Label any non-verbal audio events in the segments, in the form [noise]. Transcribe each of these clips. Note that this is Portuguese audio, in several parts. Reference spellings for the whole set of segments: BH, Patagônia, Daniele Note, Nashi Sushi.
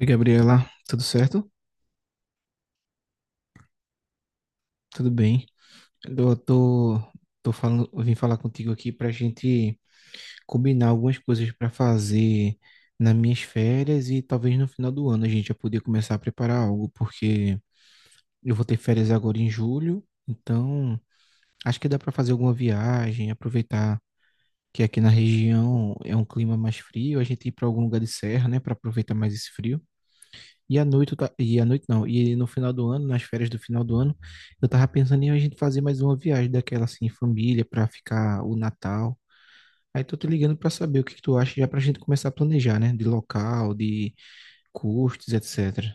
Oi, Gabriela, tudo certo? Tudo bem. Eu tô, tô falando, eu vim falar contigo aqui pra gente combinar algumas coisas pra fazer nas minhas férias e talvez no final do ano a gente já poder começar a preparar algo, porque eu vou ter férias agora em julho, então acho que dá pra fazer alguma viagem, aproveitar que aqui na região é um clima mais frio, a gente ir pra algum lugar de serra, né, pra aproveitar mais esse frio. E à noite, eu ta- e à noite não, e no final do ano, nas férias do final do ano, eu tava pensando em a gente fazer mais uma viagem daquela assim, em família, pra ficar o Natal. Aí tô te ligando pra saber o que que tu acha, já pra gente começar a planejar, né? De local, de custos, etc.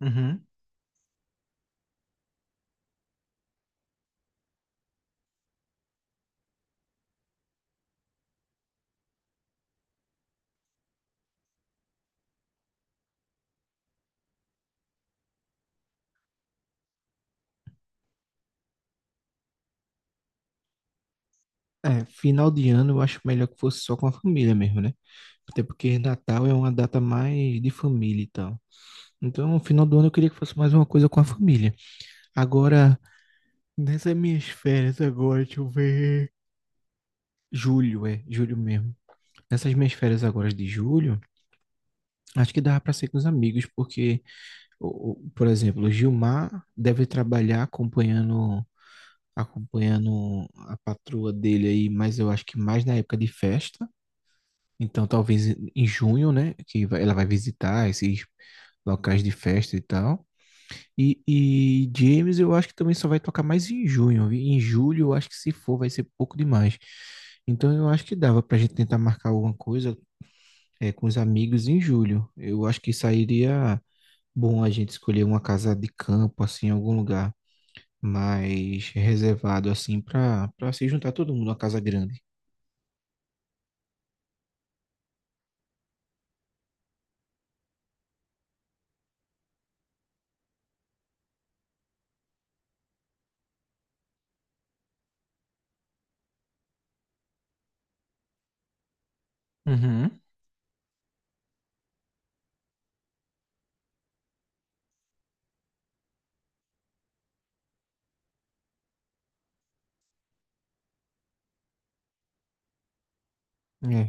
Uhum. É, final de ano eu acho melhor que fosse só com a família mesmo, né? Até porque Natal é uma data mais de família e tal. Então, final do ano eu queria que fosse mais uma coisa com a família. Agora, nessas minhas férias agora, deixa eu ver. Julho, é, julho mesmo. Nessas minhas férias agora de julho, acho que dava para ser com os amigos, porque, por exemplo, o Gilmar deve trabalhar acompanhando a patroa dele aí, mas eu acho que mais na época de festa. Então, talvez em junho, né? Ela vai visitar esses locais de festa e tal. E James, eu acho que também só vai tocar mais em junho. Vi? Em julho, eu acho que se for, vai ser pouco demais. Então, eu acho que dava pra gente tentar marcar alguma coisa com os amigos em julho. Eu acho que sairia bom a gente escolher uma casa de campo, assim, em algum lugar mais reservado, assim, para se juntar todo mundo, uma casa grande. Uhum.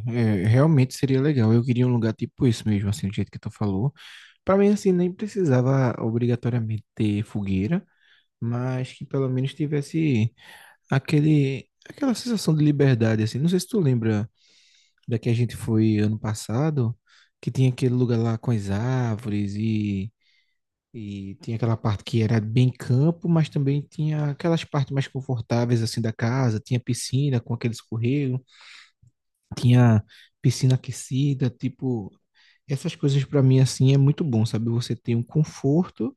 É, realmente seria legal. Eu queria um lugar tipo isso mesmo, assim, do jeito que tu falou. Para mim, assim, nem precisava obrigatoriamente ter fogueira, mas que pelo menos tivesse aquela sensação de liberdade, assim. Não sei se tu lembra. Daqui a gente foi ano passado, que tinha aquele lugar lá com as árvores e tinha aquela parte que era bem campo, mas também tinha aquelas partes mais confortáveis assim da casa, tinha piscina com aquele escorrego, tinha piscina aquecida, tipo, essas coisas para mim assim é muito bom, sabe? Você tem um conforto,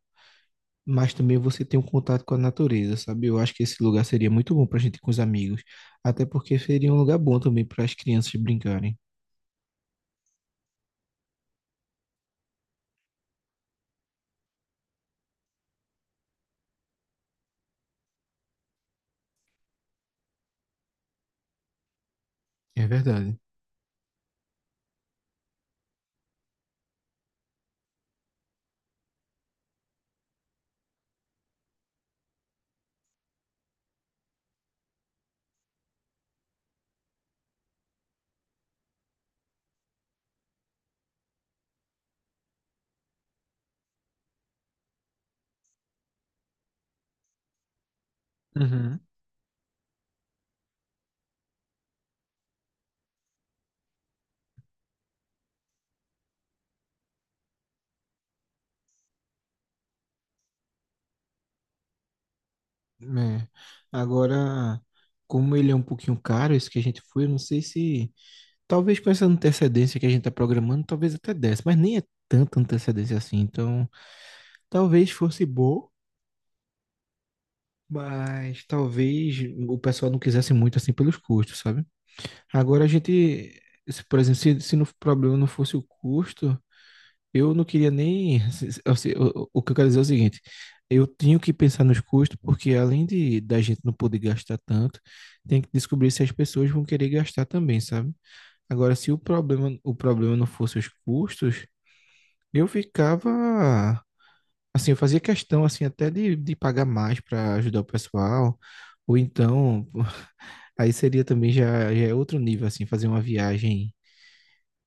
mas também você tem um contato com a natureza, sabe? Eu acho que esse lugar seria muito bom pra gente ir com os amigos, até porque seria um lugar bom também para as crianças brincarem. É verdade. Uhum. Né? Agora, como ele é um pouquinho caro, esse que a gente foi, eu não sei se. Talvez com essa antecedência que a gente tá programando, talvez até desse, mas nem é tanta antecedência assim. Então, talvez fosse bom, mas talvez o pessoal não quisesse muito assim pelos custos, sabe? Agora a gente. Se, por exemplo, se no problema não fosse o custo. Eu não queria nem. Assim, o que eu quero dizer é o seguinte: eu tenho que pensar nos custos, porque além de da gente não poder gastar tanto, tem que descobrir se as pessoas vão querer gastar também, sabe? Agora, se o problema, o problema não fosse os custos, eu ficava. Assim, eu fazia questão assim até de pagar mais para ajudar o pessoal, ou então. [laughs] Aí seria também já é outro nível, assim, fazer uma viagem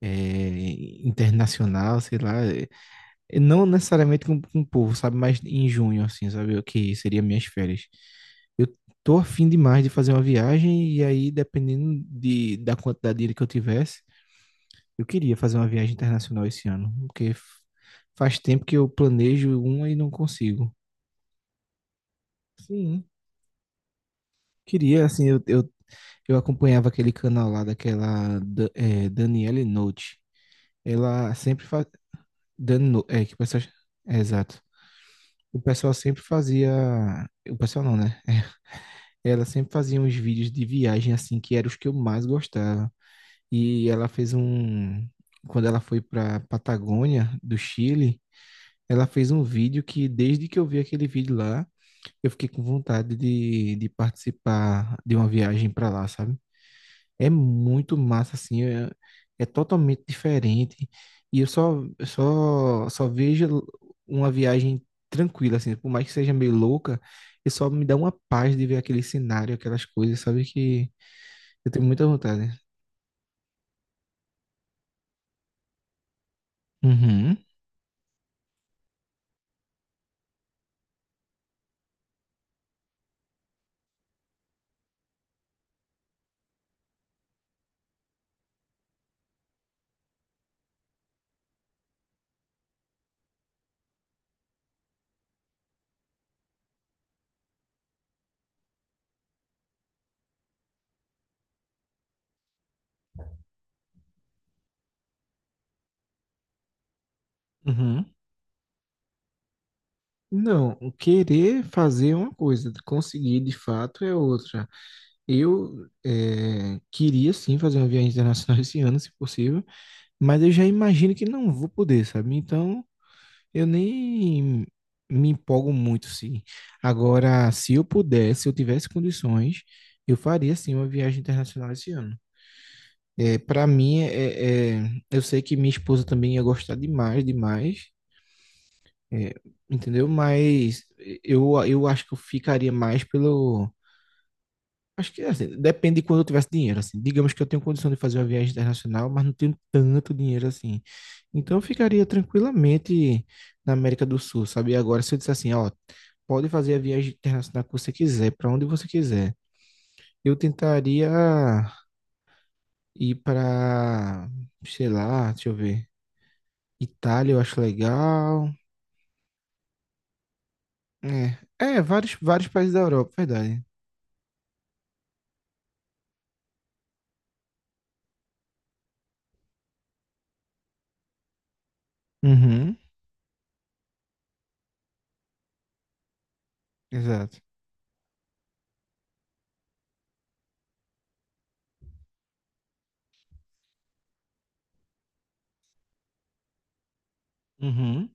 internacional, sei lá. Não necessariamente com o povo, sabe? Mas em junho, assim, sabe? O que seria minhas férias. Eu tô afim demais de fazer uma viagem e aí, dependendo da quantidade de dinheiro que eu tivesse, eu queria fazer uma viagem internacional esse ano, porque faz tempo que eu planejo uma e não consigo. Sim, queria, assim, eu acompanhava aquele canal lá daquela da- é, Daniele Note. Ela sempre faz... Dan, No- é, que pessoas... É, exato. O pessoal sempre fazia. O pessoal não, né? [laughs] Ela sempre fazia uns vídeos de viagem assim, que eram os que eu mais gostava. E ela fez um. Quando ela foi para Patagônia, do Chile, ela fez um vídeo que, desde que eu vi aquele vídeo lá, eu fiquei com vontade de participar de uma viagem para lá, sabe? É muito massa, assim, é totalmente diferente. E só vejo uma viagem tranquila, assim, por mais que seja meio louca, e só me dá uma paz de ver aquele cenário, aquelas coisas, sabe? Que eu tenho muita vontade. Uhum, uhum. Não, querer fazer é uma coisa, conseguir de fato é outra. Eu queria sim fazer uma viagem internacional [laughs] esse ano, se possível, mas eu já imagino que não vou poder, sabe? Então eu nem me empolgo muito, sim. Agora, se eu pudesse, se eu tivesse condições, eu faria sim uma viagem internacional esse ano. É, para mim, eu sei que minha esposa também ia gostar demais, demais, é, entendeu? Mas eu acho que eu ficaria mais pelo. Acho que assim, depende de quando eu tivesse dinheiro, assim. Digamos que eu tenho condição de fazer uma viagem internacional, mas não tenho tanto dinheiro assim. Então eu ficaria tranquilamente na América do Sul, sabe? E agora, se eu disser assim, ó, pode fazer a viagem internacional que você quiser, para onde você quiser. Eu tentaria ir para, sei lá, deixa eu ver. Itália, eu acho legal. É, é vários, vários países da Europa, verdade. Uhum, exato. Uhum,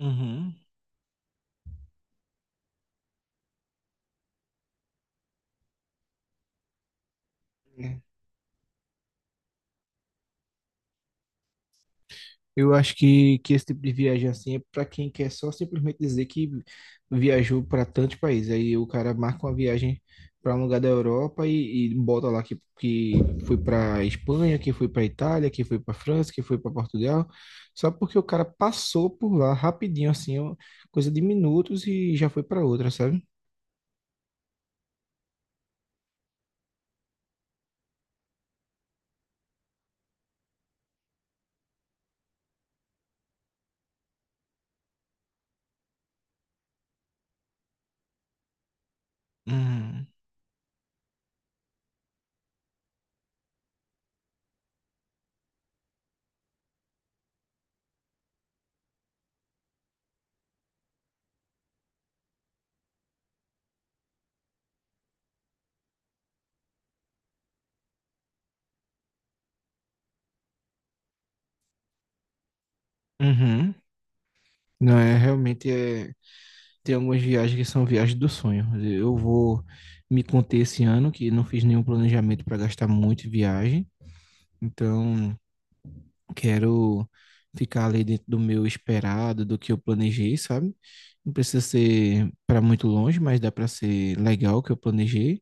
uhum. Eu acho que esse tipo de viagem assim é para quem quer só simplesmente dizer que viajou para tantos países. Aí o cara marca uma viagem para um lugar da Europa e bota lá que foi para Espanha, que foi para Itália, que foi para França, que foi para Portugal, só porque o cara passou por lá rapidinho, assim, ó, coisa de minutos e já foi para outra, sabe? Hum, uhum. Não é realmente é. Tem algumas viagens que são viagens do sonho. Eu vou me conter esse ano, que não fiz nenhum planejamento para gastar muito em viagem. Então, quero ficar ali dentro do meu esperado, do que eu planejei, sabe? Não precisa ser para muito longe, mas dá para ser legal o que eu planejei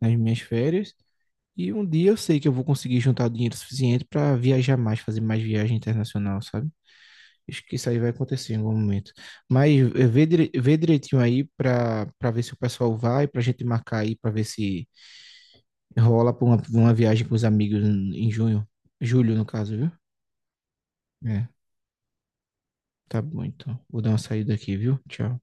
nas minhas férias. E um dia eu sei que eu vou conseguir juntar dinheiro suficiente para viajar mais, fazer mais viagem internacional, sabe? Acho que isso aí vai acontecer em algum momento. Mas vê direitinho aí para ver se o pessoal vai, para a gente marcar aí, para ver se rola para uma viagem com os amigos em junho. Julho, no caso, viu? É, tá bom, então. Vou dar uma saída aqui, viu? Tchau.